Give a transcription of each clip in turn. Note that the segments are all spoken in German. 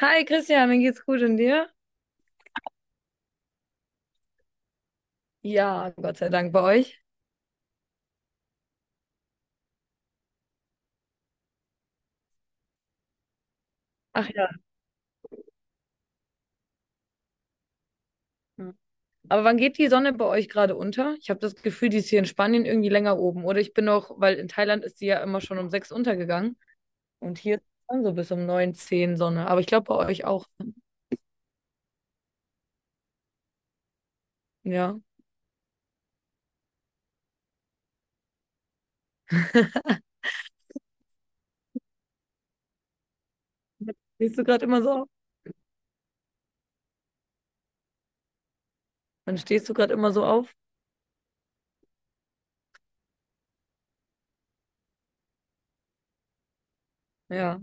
Hi Christian, mir geht's gut und dir? Ja, Gott sei Dank bei euch. Ach ja. Hm. Aber wann geht die Sonne bei euch gerade unter? Ich habe das Gefühl, die ist hier in Spanien irgendwie länger oben. Oder ich bin noch, weil in Thailand ist die ja immer schon um 6 untergegangen. Und hier ist dann so bis um 9, 10 Sonne. Aber ich glaube bei euch auch. Ja. Stehst du gerade immer so auf? Dann stehst du gerade immer so auf? Ja,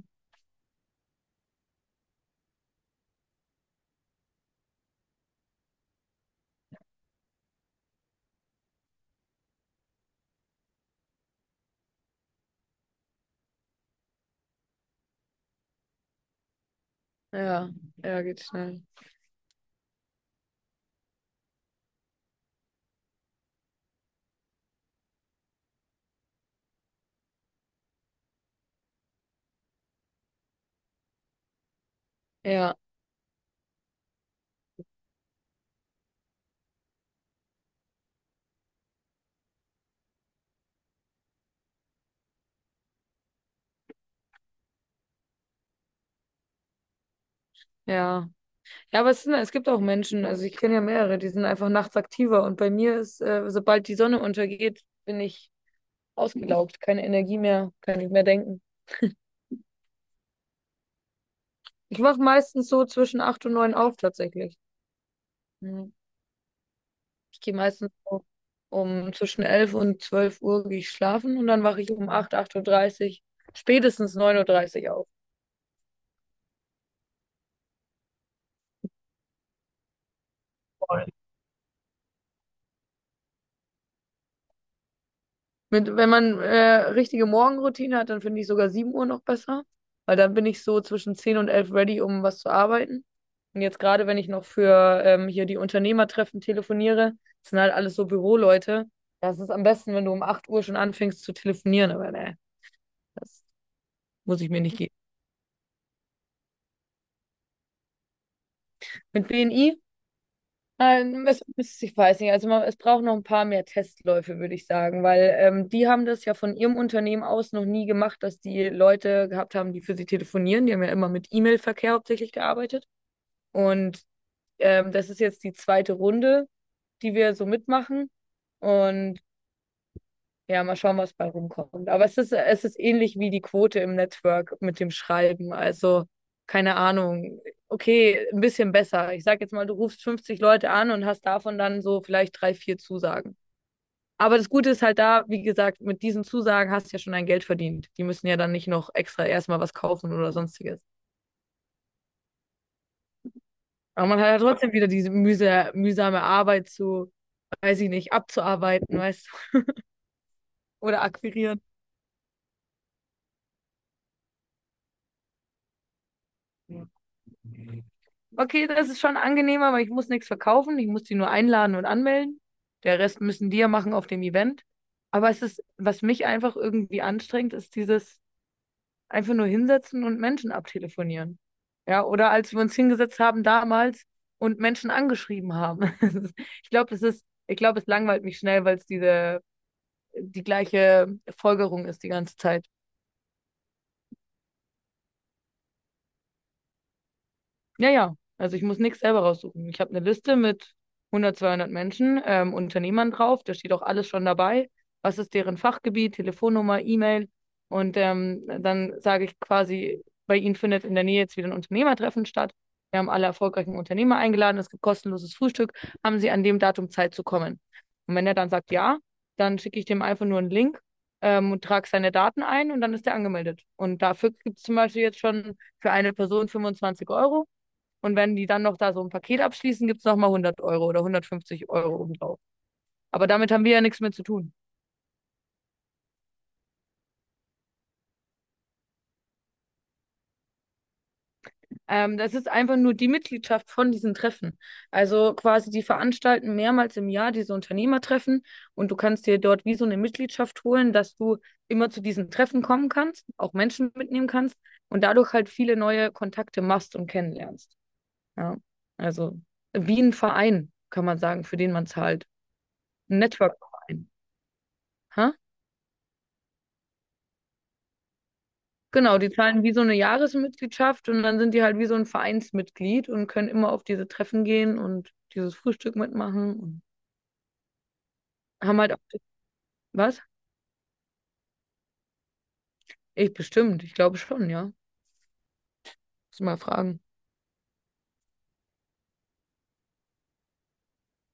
ja, ja, geht schnell. Ja, ja. Ja, aber es sind, es gibt auch Menschen, also ich kenne ja mehrere, die sind einfach nachts aktiver und bei mir ist, sobald die Sonne untergeht, bin ich ausgelaugt, keine Energie mehr, kann nicht mehr denken. Ich wache meistens so zwischen 8 und 9 auf tatsächlich. Mhm. Ich gehe meistens so um zwischen 11 und 12 Uhr gehe ich schlafen und dann wache ich um 8 8:30 Uhr, dreißig, spätestens 9:30 Uhr dreißig auf. Mit, wenn man richtige Morgenroutine hat, dann finde ich sogar 7 Uhr noch besser, weil dann bin ich so zwischen 10 und 11 ready, um was zu arbeiten. Und jetzt gerade, wenn ich noch für hier die Unternehmertreffen telefoniere, das sind halt alles so Büroleute. Das ist am besten, wenn du um 8 Uhr schon anfängst zu telefonieren, aber ne, das muss ich mir nicht geben. Mit BNI. Ich weiß nicht, also man, es braucht noch ein paar mehr Testläufe, würde ich sagen, weil die haben das ja von ihrem Unternehmen aus noch nie gemacht, dass die Leute gehabt haben, die für sie telefonieren. Die haben ja immer mit E-Mail-Verkehr hauptsächlich gearbeitet. Und das ist jetzt die zweite Runde, die wir so mitmachen. Und ja, mal schauen, was bei rumkommt. Aber es ist ähnlich wie die Quote im Network mit dem Schreiben. Also, keine Ahnung. Okay, ein bisschen besser. Ich sag jetzt mal, du rufst 50 Leute an und hast davon dann so vielleicht drei, vier Zusagen. Aber das Gute ist halt da, wie gesagt, mit diesen Zusagen hast du ja schon dein Geld verdient. Die müssen ja dann nicht noch extra erstmal was kaufen oder sonstiges. Aber man hat ja trotzdem wieder diese mühsame Arbeit zu, weiß ich nicht, abzuarbeiten, weißt du, oder akquirieren. Okay, das ist schon angenehmer, weil ich muss nichts verkaufen. Ich muss die nur einladen und anmelden. Der Rest müssen die ja machen auf dem Event. Aber es ist, was mich einfach irgendwie anstrengt, ist dieses einfach nur hinsetzen und Menschen abtelefonieren. Ja, oder als wir uns hingesetzt haben damals und Menschen angeschrieben haben. Ich glaube, das ist, ich glaube, es langweilt mich schnell, weil es diese, die gleiche Folgerung ist die ganze Zeit. Ja, ja. Also ich muss nichts selber raussuchen. Ich habe eine Liste mit 100, 200 Menschen, Unternehmern drauf. Da steht auch alles schon dabei. Was ist deren Fachgebiet, Telefonnummer, E-Mail? Und dann sage ich quasi, bei Ihnen findet in der Nähe jetzt wieder ein Unternehmertreffen statt. Wir haben alle erfolgreichen Unternehmer eingeladen. Es gibt kostenloses Frühstück. Haben Sie an dem Datum Zeit zu kommen? Und wenn er dann sagt ja, dann schicke ich dem einfach nur einen Link und trage seine Daten ein und dann ist er angemeldet. Und dafür gibt es zum Beispiel jetzt schon für eine Person 25 € und wenn die dann noch da so ein Paket abschließen, gibt es nochmal 100 € oder 150 € obendrauf. Aber damit haben wir ja nichts mehr zu tun. Das ist einfach nur die Mitgliedschaft von diesen Treffen. Also quasi, die veranstalten mehrmals im Jahr diese Unternehmertreffen und du kannst dir dort wie so eine Mitgliedschaft holen, dass du immer zu diesen Treffen kommen kannst, auch Menschen mitnehmen kannst und dadurch halt viele neue Kontakte machst und kennenlernst. Ja, also wie ein Verein, kann man sagen, für den man zahlt. Ein Network-Verein. Ha? Genau, die zahlen wie so eine Jahresmitgliedschaft und dann sind die halt wie so ein Vereinsmitglied und können immer auf diese Treffen gehen und dieses Frühstück mitmachen und haben halt auch. Was? Ich bestimmt, ich glaube schon, ja. Muss mal fragen.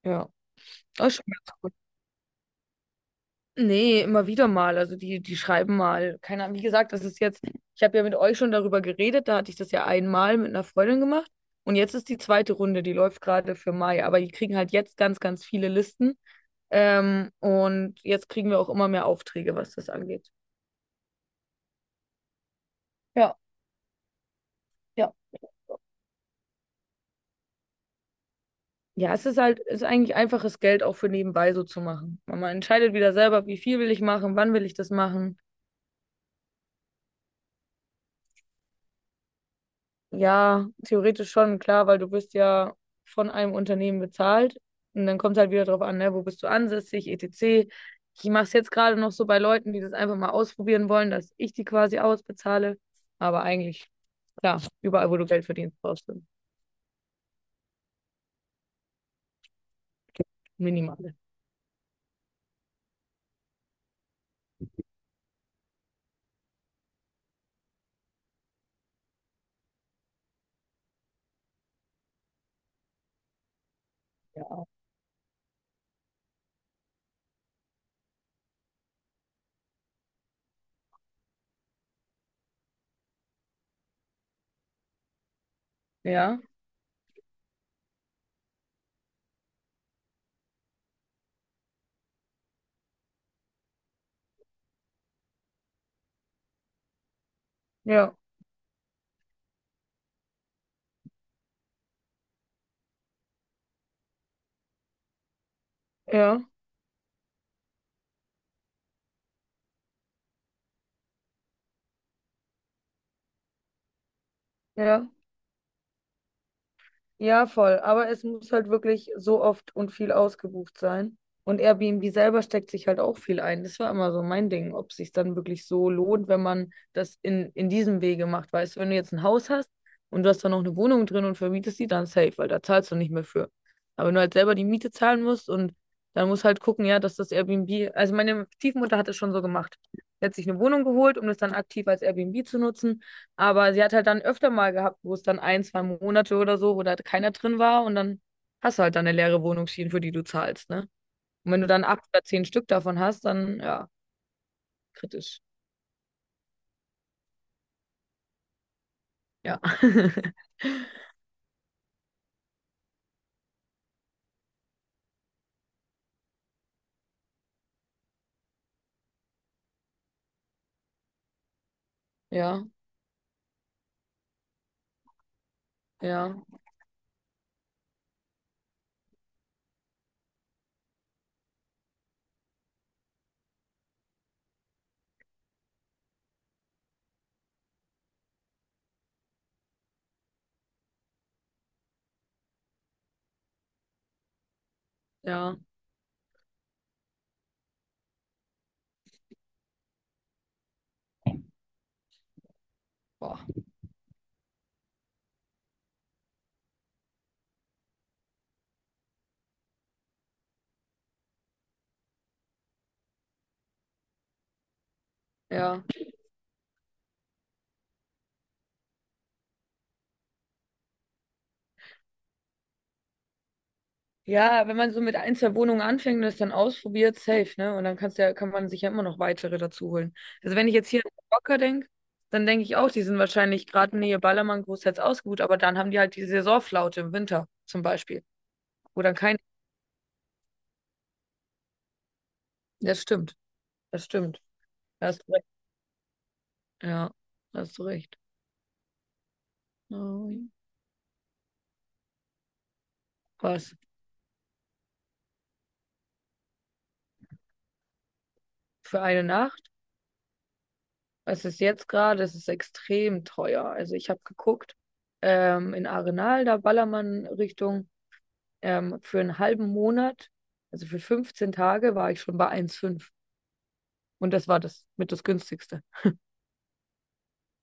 Ja. Das ist schon. Nee, immer wieder mal. Also die schreiben mal. Keine Ahnung. Wie gesagt, das ist jetzt, ich habe ja mit euch schon darüber geredet, da hatte ich das ja einmal mit einer Freundin gemacht. Und jetzt ist die zweite Runde, die läuft gerade für Mai, aber die kriegen halt jetzt ganz, ganz viele Listen. Und jetzt kriegen wir auch immer mehr Aufträge, was das angeht. Ja, ja. Ja, es ist halt, es ist eigentlich einfaches Geld auch für nebenbei so zu machen. Man entscheidet wieder selber, wie viel will ich machen, wann will ich das machen. Ja, theoretisch schon, klar, weil du bist ja von einem Unternehmen bezahlt. Und dann kommt es halt wieder drauf an, ne, wo bist du ansässig, etc. Ich mache es jetzt gerade noch so bei Leuten, die das einfach mal ausprobieren wollen, dass ich die quasi ausbezahle. Aber eigentlich, klar, überall, wo du Geld verdienst, brauchst du. Minimale. Ja, ja, ja, ja. Ja, voll. Aber es muss halt wirklich so oft und viel ausgebucht sein. Und Airbnb selber steckt sich halt auch viel ein. Das war immer so mein Ding, ob es sich dann wirklich so lohnt, wenn man das in diesem Wege macht. Weißt du, wenn du jetzt ein Haus hast und du hast da noch eine Wohnung drin und vermietest die, dann safe, weil da zahlst du nicht mehr für. Aber wenn du halt selber die Miete zahlen musst und dann musst halt gucken, ja, dass das Airbnb, also meine Stiefmutter hat es schon so gemacht. Sie hat sich eine Wohnung geholt, um das dann aktiv als Airbnb zu nutzen. Aber sie hat halt dann öfter mal gehabt, wo es dann ein, zwei Monate oder so, wo da keiner drin war und dann hast du halt dann eine leere Wohnungsschiene, für die du zahlst, ne? Und wenn du dann acht oder zehn Stück davon hast, dann ja, kritisch. Ja. Ja, ja, ja. Boah. Ja. Ja, wenn man so mit ein, zwei Wohnungen anfängt und das dann ausprobiert, safe, ne? Und dann kannst du ja, kann man sich ja immer noch weitere dazu holen. Also wenn ich jetzt hier an Mallorca denke, dann denke ich auch, die sind wahrscheinlich gerade Nähe Ballermann großteils ausgebucht, aber dann haben die halt die Saisonflaute im Winter zum Beispiel, wo dann kein. Das stimmt, das stimmt. Da hast du recht. Ja, da hast du recht. Oh, was? Für eine Nacht? Es ist jetzt gerade, es ist extrem teuer. Also ich habe geguckt, in Arenal, da Ballermann Richtung, für einen halben Monat, also für 15 Tage, war ich schon bei 1,5. Und das war das mit das günstigste.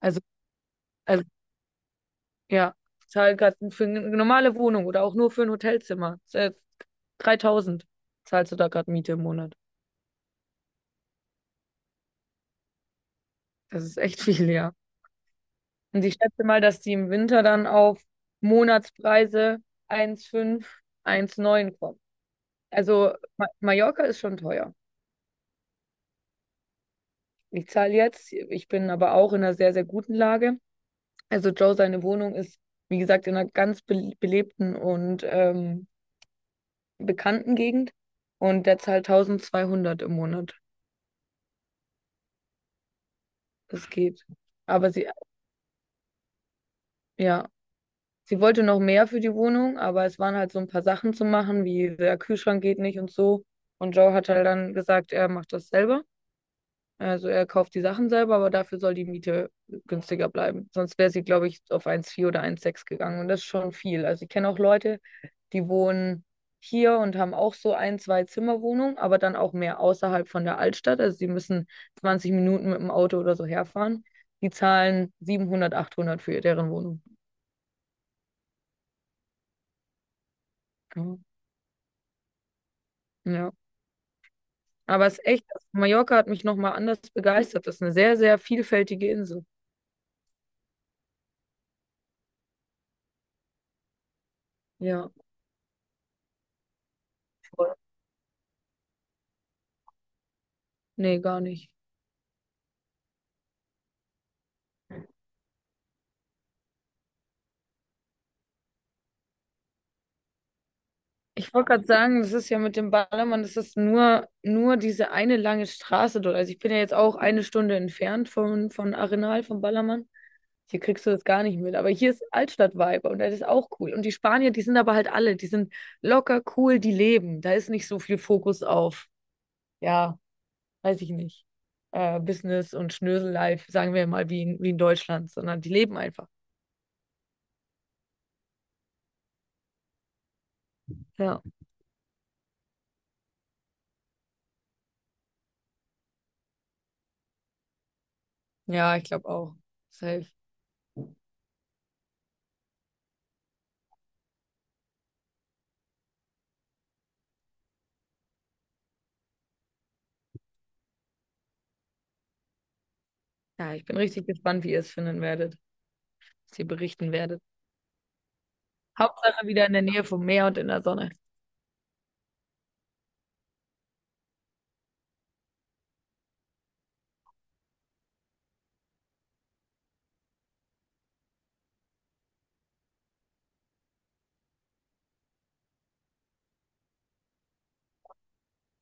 Also, also ja, ich zahle gerade für eine normale Wohnung oder auch nur für ein Hotelzimmer. 3.000 zahlst du da gerade Miete im Monat. Das ist echt viel, ja. Und ich schätze mal, dass die im Winter dann auf Monatspreise 1,5, neun kommen. Also Ma Mallorca ist schon teuer. Ich zahle jetzt, ich bin aber auch in einer sehr, sehr guten Lage. Also Joe, seine Wohnung ist, wie gesagt, in einer ganz be belebten und bekannten Gegend. Und der zahlt 1200 im Monat. Das geht. Aber sie, ja. Sie wollte noch mehr für die Wohnung, aber es waren halt so ein paar Sachen zu machen, wie der Kühlschrank geht nicht und so. Und Joe hat halt dann gesagt, er macht das selber. Also er kauft die Sachen selber, aber dafür soll die Miete günstiger bleiben. Sonst wäre sie, glaube ich, auf 1,4 oder 1,6 gegangen. Und das ist schon viel. Also ich kenne auch Leute, die wohnen hier und haben auch so ein, zwei Zimmerwohnungen, aber dann auch mehr außerhalb von der Altstadt. Also sie müssen 20 Minuten mit dem Auto oder so herfahren. Die zahlen 700 800 für deren Wohnung. Ja. Ja. Aber es ist echt, Mallorca hat mich nochmal anders begeistert. Das ist eine sehr, sehr vielfältige Insel. Ja, voll. Nee, gar nicht. Ich wollte gerade sagen, das ist ja mit dem Ballermann, das ist nur diese eine lange Straße dort. Also ich bin ja jetzt auch eine Stunde entfernt von Arenal, vom Ballermann. Hier kriegst du das gar nicht mit. Aber hier ist Altstadt-Vibe und das ist auch cool. Und die Spanier, die sind aber halt alle, die sind locker, cool, die leben. Da ist nicht so viel Fokus auf, ja. Weiß ich nicht, Business und Schnösel-Life, sagen wir mal, wie in Deutschland, sondern die leben einfach. Ja, ja, ich glaube auch. Safe. Ja, ich bin richtig gespannt, wie ihr es finden werdet, was ihr berichten werdet. Hauptsache wieder in der Nähe vom Meer und in der Sonne.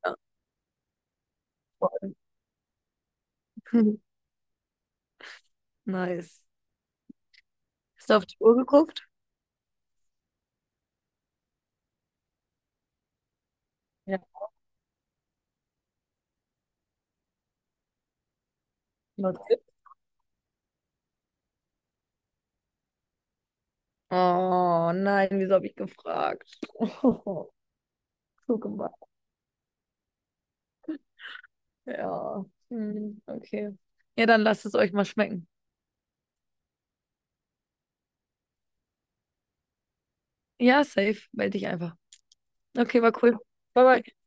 Ja, voll. Nice. Hast du auf die Uhr geguckt? Ja, noch ein Tipp? Oh nein, wieso habe ich gefragt? Oh, so gemacht. Ja, hm, okay. Ja, dann lasst es euch mal schmecken. Ja, safe. Meld dich einfach. Okay, war cool. Bye, bye.